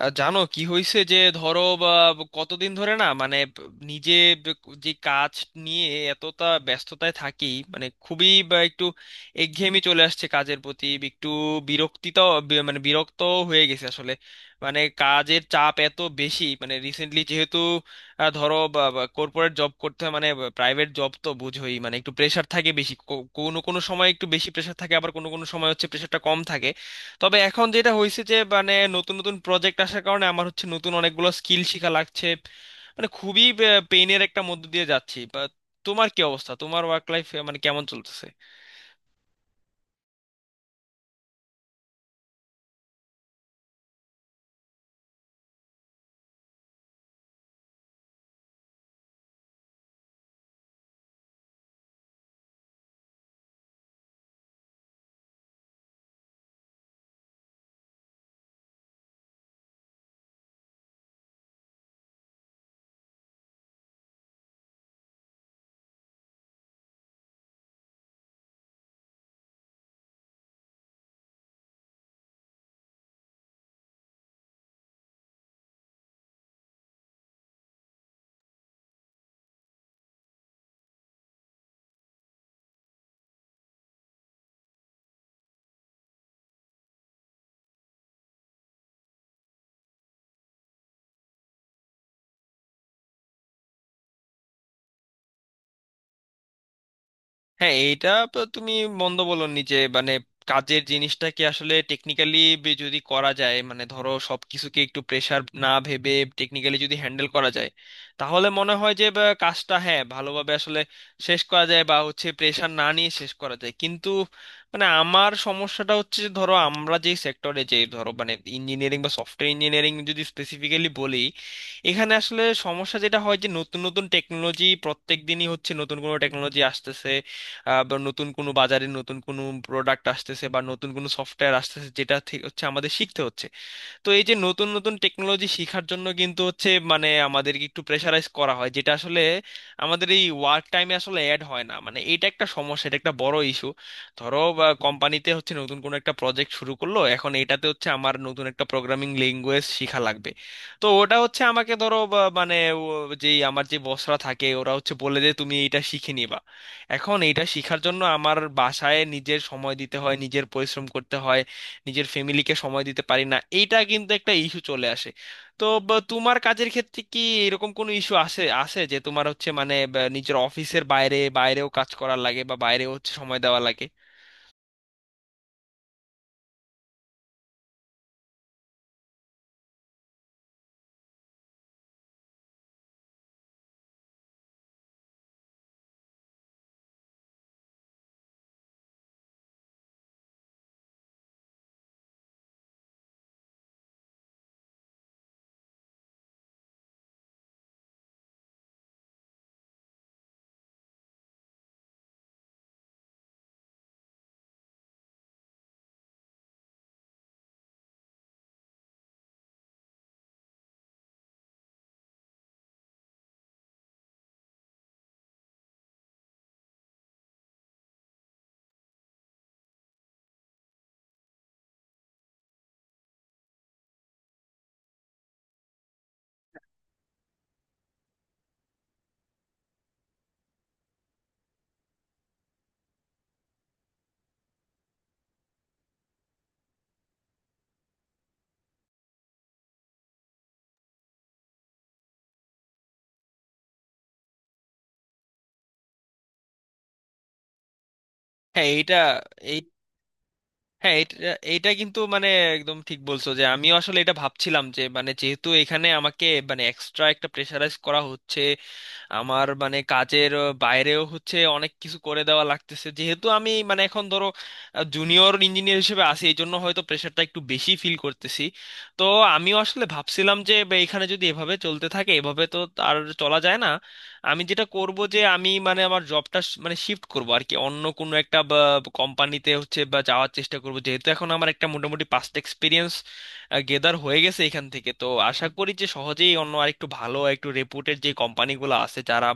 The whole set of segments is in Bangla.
জানো কি হয়েছে? যে ধরো কতদিন ধরে না মানে নিজে ব- যে কাজ নিয়ে এতটা ব্যস্ততায় থাকি, মানে খুবই একটু একঘেয়েমি চলে আসছে, কাজের প্রতি একটু বিরক্তিতাও মানে বিরক্ত হয়ে গেছে আসলে। মানে কাজের চাপ এত বেশি, মানে রিসেন্টলি যেহেতু ধরো কর্পোরেট জব করতে হয়, মানে প্রাইভেট জব তো বুঝোই, মানে একটু প্রেশার থাকে বেশি, কোনো কোনো সময় একটু বেশি প্রেশার থাকে, আবার কোনো কোনো সময় হচ্ছে প্রেশারটা কম থাকে। তবে এখন যেটা হয়েছে যে মানে নতুন নতুন প্রজেক্ট আসার কারণে আমার হচ্ছে নতুন অনেকগুলো স্কিল শেখা লাগছে, মানে খুবই পেইনের একটা মধ্য দিয়ে যাচ্ছি। তোমার কি অবস্থা? তোমার ওয়ার্ক লাইফ মানে কেমন চলতেছে? হ্যাঁ, এইটা তো তুমি মন্দ বলনি যে মানে কাজের জিনিসটাকে আসলে টেকনিক্যালি যদি করা যায়, মানে ধরো সবকিছুকে একটু প্রেসার না ভেবে টেকনিক্যালি যদি হ্যান্ডেল করা যায়, তাহলে মনে হয় যে কাজটা হ্যাঁ ভালোভাবে আসলে শেষ করা যায় বা হচ্ছে প্রেসার না নিয়ে শেষ করা যায়। কিন্তু মানে আমার সমস্যাটা হচ্ছে যে ধরো আমরা যে সেক্টরে, যে ধরো মানে ইঞ্জিনিয়ারিং বা সফটওয়্যার ইঞ্জিনিয়ারিং যদি স্পেসিফিক্যালি বলি, এখানে আসলে সমস্যা যেটা হয় যে নতুন নতুন টেকনোলজি, প্রত্যেক দিনই হচ্ছে নতুন কোনো টেকনোলজি আসতেছে। বা নতুন কোনো বাজারে নতুন কোনো প্রোডাক্ট আসতেছে, বা নতুন কোনো সফটওয়্যার আসতেছে, যেটা থেকে হচ্ছে আমাদের শিখতে হচ্ছে। তো এই যে নতুন নতুন টেকনোলজি শেখার জন্য কিন্তু হচ্ছে মানে আমাদেরকে একটু প্রেশারাইজ করা হয়, যেটা আসলে আমাদের এই ওয়ার্ক টাইমে আসলে অ্যাড হয় না। মানে এটা একটা সমস্যা, এটা একটা বড় ইস্যু। ধরো কোম্পানিতে হচ্ছে নতুন কোনো একটা প্রজেক্ট শুরু করলো, এখন এটাতে হচ্ছে আমার নতুন একটা প্রোগ্রামিং ল্যাঙ্গুয়েজ শেখা লাগবে। তো ওটা হচ্ছে আমাকে ধরো মানে ও- যেই আমার যে বসরা থাকে ওরা হচ্ছে বলে যে তুমি এটা শিখে নিবা। এখন এটা শেখার জন্য আমার বাসায় নিজের সময় দিতে হয়, নিজের পরিশ্রম করতে হয়, নিজের ফ্যামিলিকে সময় দিতে পারি না। এইটা কিন্তু একটা ইস্যু চলে আসে। তো বা তোমার কাজের ক্ষেত্রে কি এরকম কোনো ইস্যু আসে আসে যে তোমার হচ্ছে মানে বা নিজের অফিসের বাইরে বাইরেও কাজ করার লাগে, বা বাইরেও হচ্ছে সময় দেওয়া লাগে? হ্যাঁ এইটা এই হ্যাঁ, এইটা কিন্তু মানে একদম ঠিক বলছো যে আমিও আসলে এটা ভাবছিলাম যে মানে যেহেতু এখানে আমাকে মানে এক্সট্রা একটা প্রেশারাইজ করা হচ্ছে, আমার মানে কাজের বাইরেও হচ্ছে অনেক কিছু করে দেওয়া লাগতেছে, যেহেতু আমি মানে এখন ধরো জুনিয়র ইঞ্জিনিয়ার হিসেবে আছি, এই জন্য হয়তো প্রেশারটা একটু বেশি ফিল করতেছি। তো আমিও আসলে ভাবছিলাম যে এখানে যদি এভাবে চলতে থাকে, এভাবে তো আর চলা যায় না। আমি যেটা করব যে আমি মানে আমার জবটা মানে শিফট করব আর কি, অন্য কোনো একটা কোম্পানিতে হচ্ছে বা যাওয়ার চেষ্টা করব, যেহেতু এখন আমার একটা মোটামুটি পাস্ট এক্সপিরিয়েন্স গেদার হয়ে গেছে এখান থেকে। তো আশা করি যে সহজেই অন্য আরেকটু ভালো একটু রেপুটেড যে কোম্পানিগুলো আছে যারা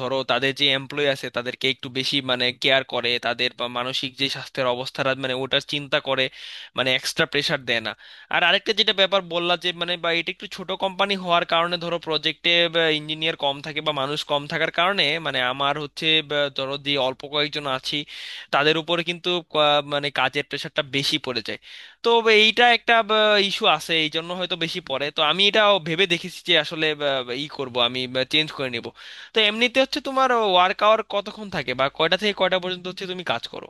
ধরো তাদের যে এমপ্লয়ি আছে তাদেরকে একটু বেশি মানে কেয়ার করে, তাদের বা মানসিক যে স্বাস্থ্যের অবস্থাটা মানে ওটার চিন্তা করে, মানে এক্সট্রা প্রেশার দেয় না। আর আরেকটা যেটা ব্যাপার বললা যে মানে বা এটা একটু ছোট কোম্পানি হওয়ার কারণে ধরো প্রজেক্টে ইঞ্জিনিয়ার কম থাকে বা মানুষ কম থাকার কারণে, মানে আমার হচ্ছে বা ধরো যে অল্প কয়েকজন আছি, তাদের উপরে কিন্তু মানে কাজের প্রেশারটা বেশি পড়ে যায়। তো এইটা একটা ইস্যু আছে, এই জন্য হয়তো বেশি পড়ে। তো আমি এটা ভেবে দেখেছি যে আসলে বা, বা, ই করব, আমি চেঞ্জ করে নিব। তো এমনিতে হচ্ছে তোমার ওয়ার্ক আওয়ার কতক্ষণ থাকে, বা কয়টা থেকে কয়টা পর্যন্ত হচ্ছে তুমি কাজ করো?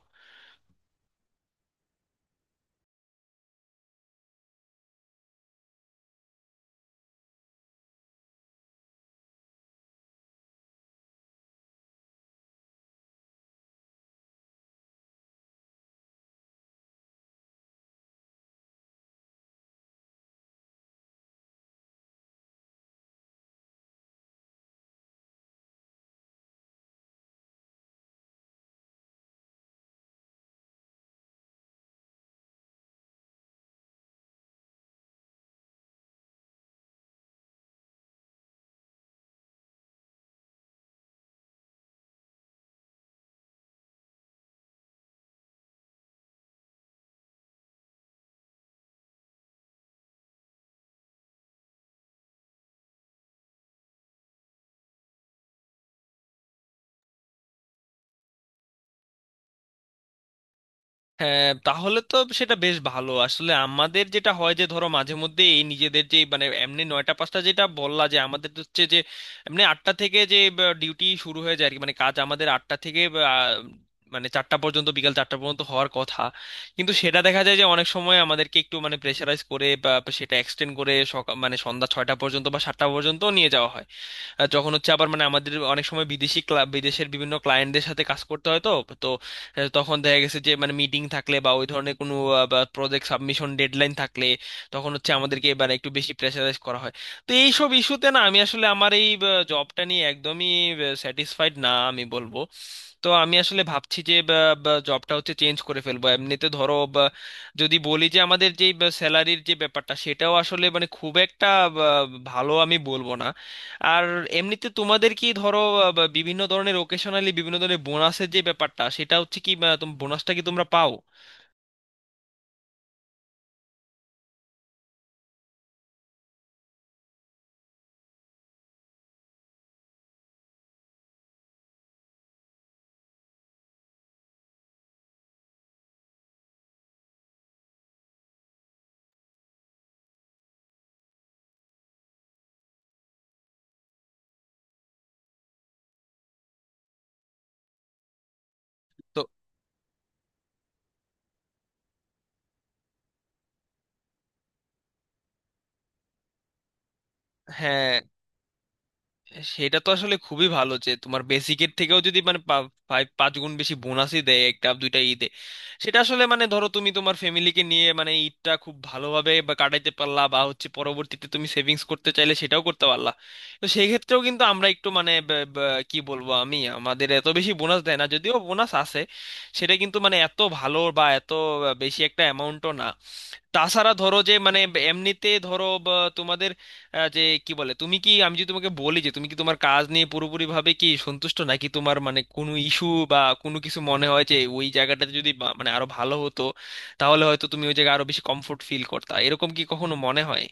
হ্যাঁ, তাহলে তো সেটা বেশ ভালো। আসলে আমাদের যেটা হয় যে ধরো মাঝে মধ্যে এই নিজেদের যে মানে এমনি 9টা 5টা যেটা বললা, যে আমাদের তো হচ্ছে যে এমনি 8টা থেকে যে ডিউটি শুরু হয়ে যায় আর কি, মানে কাজ আমাদের 8টা থেকে আহ, মানে 4টা পর্যন্ত, বিকাল 4টা পর্যন্ত হওয়ার কথা। কিন্তু সেটা দেখা যায় যে অনেক সময় আমাদেরকে একটু মানে প্রেশারাইজ করে বা সেটা এক্সটেন্ড করে সকাল মানে সন্ধ্যা 6টা পর্যন্ত বা 7টা পর্যন্ত নিয়ে যাওয়া হয়। যখন হচ্ছে আবার মানে আমাদের অনেক সময় বিদেশি বিদেশের বিভিন্ন ক্লায়েন্টদের সাথে কাজ করতে হয়, তো তো তখন দেখা গেছে যে মানে মিটিং থাকলে বা ওই ধরনের কোনো প্রজেক্ট সাবমিশন ডেডলাইন থাকলে, তখন হচ্ছে আমাদেরকে এবার একটু বেশি প্রেশারাইজ করা হয়। তো এইসব ইস্যুতে না আমি আসলে আমার এই জবটা নিয়ে একদমই স্যাটিসফাইড না, আমি বলবো। তো আমি আসলে ভাবছি যে জবটা হচ্ছে চেঞ্জ করে ফেলবো। এমনিতে ধরো যদি বলি যে আমাদের যে স্যালারির যে ব্যাপারটা সেটাও আসলে মানে খুব একটা বা, ভালো আমি বলবো না। আর এমনিতে তোমাদের কি ধরো বিভিন্ন ধরনের ওকেশনালি বিভিন্ন ধরনের বোনাসের যে ব্যাপারটা সেটা হচ্ছে কি বোনাসটা কি তোমরা পাও? তো হ্যাঁ, সেটা তো আসলে খুবই ভালো যে তোমার বেসিকের থেকেও যদি মানে পাঁচ পাঁচ গুণ বেশি বোনাসই দেয় একটা 2টা ঈদে। সেটা আসলে মানে ধরো তুমি তোমার ফ্যামিলিকে নিয়ে মানে ঈদটা খুব ভালোভাবে বা কাটাইতে পারলা, বা হচ্ছে পরবর্তীতে তুমি সেভিংস করতে চাইলে সেটাও করতে পারলা। তো সেই ক্ষেত্রেও কিন্তু আমরা একটু মানে কি বলবো, আমি, আমাদের এত বেশি বোনাস দেয় না, যদিও বোনাস আছে, সেটা কিন্তু মানে এত ভালো বা এত বেশি একটা অ্যামাউন্টও না। তাছাড়া ধরো যে মানে এমনিতে ধরো বা তোমাদের যে কি বলে, তুমি কি, আমি যদি তোমাকে বলি যে তুমি কি তোমার কাজ নিয়ে পুরোপুরি ভাবে কি সন্তুষ্ট, নাকি তোমার মানে কোনো ইস্যু বা কোনো কিছু মনে হয় যে ওই জায়গাটাতে যদি মানে আরো ভালো হতো, তাহলে হয়তো তুমি ওই জায়গায় আরো বেশি কমফোর্ট ফিল করতা? এরকম কি কখনো মনে হয়?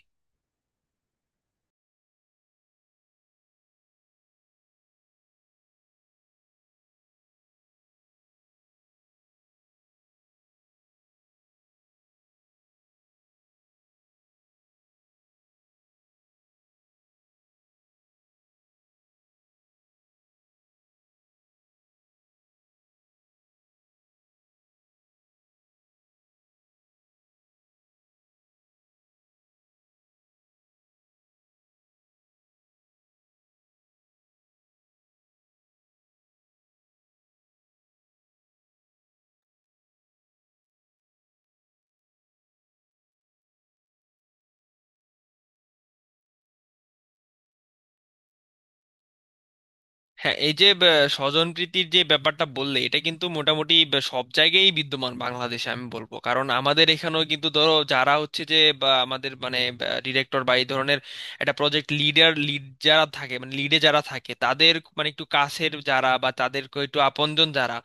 হ্যাঁ, এই যে স্বজনপ্রীতির যে ব্যাপারটা বললে, এটা কিন্তু মোটামুটি সব জায়গায় বিদ্যমান বাংলাদেশে, আমি বলবো। কারণ আমাদের এখানেও কিন্তু ধরো যারা হচ্ছে যে বা আমাদের মানে ডিরেক্টর বা এই ধরনের একটা প্রজেক্ট লিডার, লিড যারা থাকে মানে লিডে যারা থাকে তাদের মানে একটু কাছের যারা, বা তাদের একটু আপনজন যারা,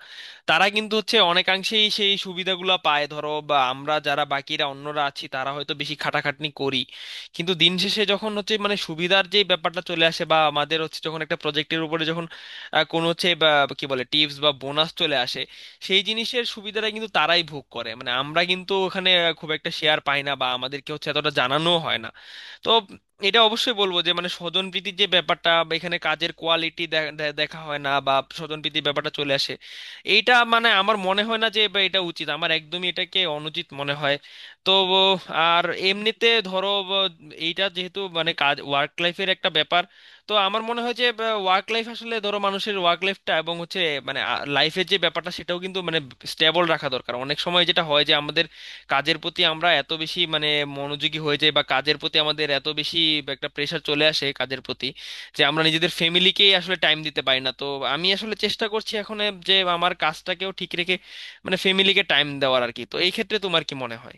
তারা কিন্তু হচ্ছে অনেকাংশেই সেই সুবিধাগুলো পায়। ধরো বা আমরা যারা বাকিরা অন্যরা আছি, তারা হয়তো বেশি খাটাখাটনি করি, কিন্তু দিন শেষে যখন হচ্ছে মানে সুবিধার যে ব্যাপারটা চলে আসে, বা আমাদের হচ্ছে যখন একটা প্রজেক্টের উপরে যখন কোনো হচ্ছে বা কি বলে টিপস বা বোনাস চলে আসে, সেই জিনিসের সুবিধাটা কিন্তু তারাই ভোগ করে। মানে আমরা কিন্তু ওখানে খুব একটা শেয়ার পাই না বা আমাদেরকে হচ্ছে এতটা জানানো হয় না। তো এটা অবশ্যই বলবো যে মানে স্বজনপ্রীতির যে ব্যাপারটা, বা এখানে কাজের কোয়ালিটি দেখা হয় না, বা স্বজনপ্রীতির ব্যাপারটা চলে আসে, এইটা মানে আমার মনে হয় না যে বা এটা উচিত, আমার একদমই এটাকে অনুচিত মনে হয়। তো আর এমনিতে ধরো এইটা যেহেতু মানে কাজ ওয়ার্ক লাইফের একটা ব্যাপার, তো আমার মনে হয় যে ওয়ার্ক লাইফ আসলে ধরো, মানুষের ওয়ার্ক লাইফটা এবং হচ্ছে মানে লাইফের যে ব্যাপারটা সেটাও কিন্তু মানে স্টেবল রাখা দরকার। অনেক সময় যেটা হয় যে আমাদের কাজের প্রতি আমরা এত বেশি মানে মনোযোগী হয়ে যাই, বা কাজের প্রতি আমাদের এত বেশি একটা প্রেশার চলে আসে কাজের প্রতি, যে আমরা নিজেদের ফ্যামিলিকেই আসলে টাইম দিতে পারি না। তো আমি আসলে চেষ্টা করছি এখন এ যে আমার কাজটাকেও ঠিক রেখে মানে ফ্যামিলিকে টাইম দেওয়ার আর কি। তো এই ক্ষেত্রে তোমার কি মনে হয়?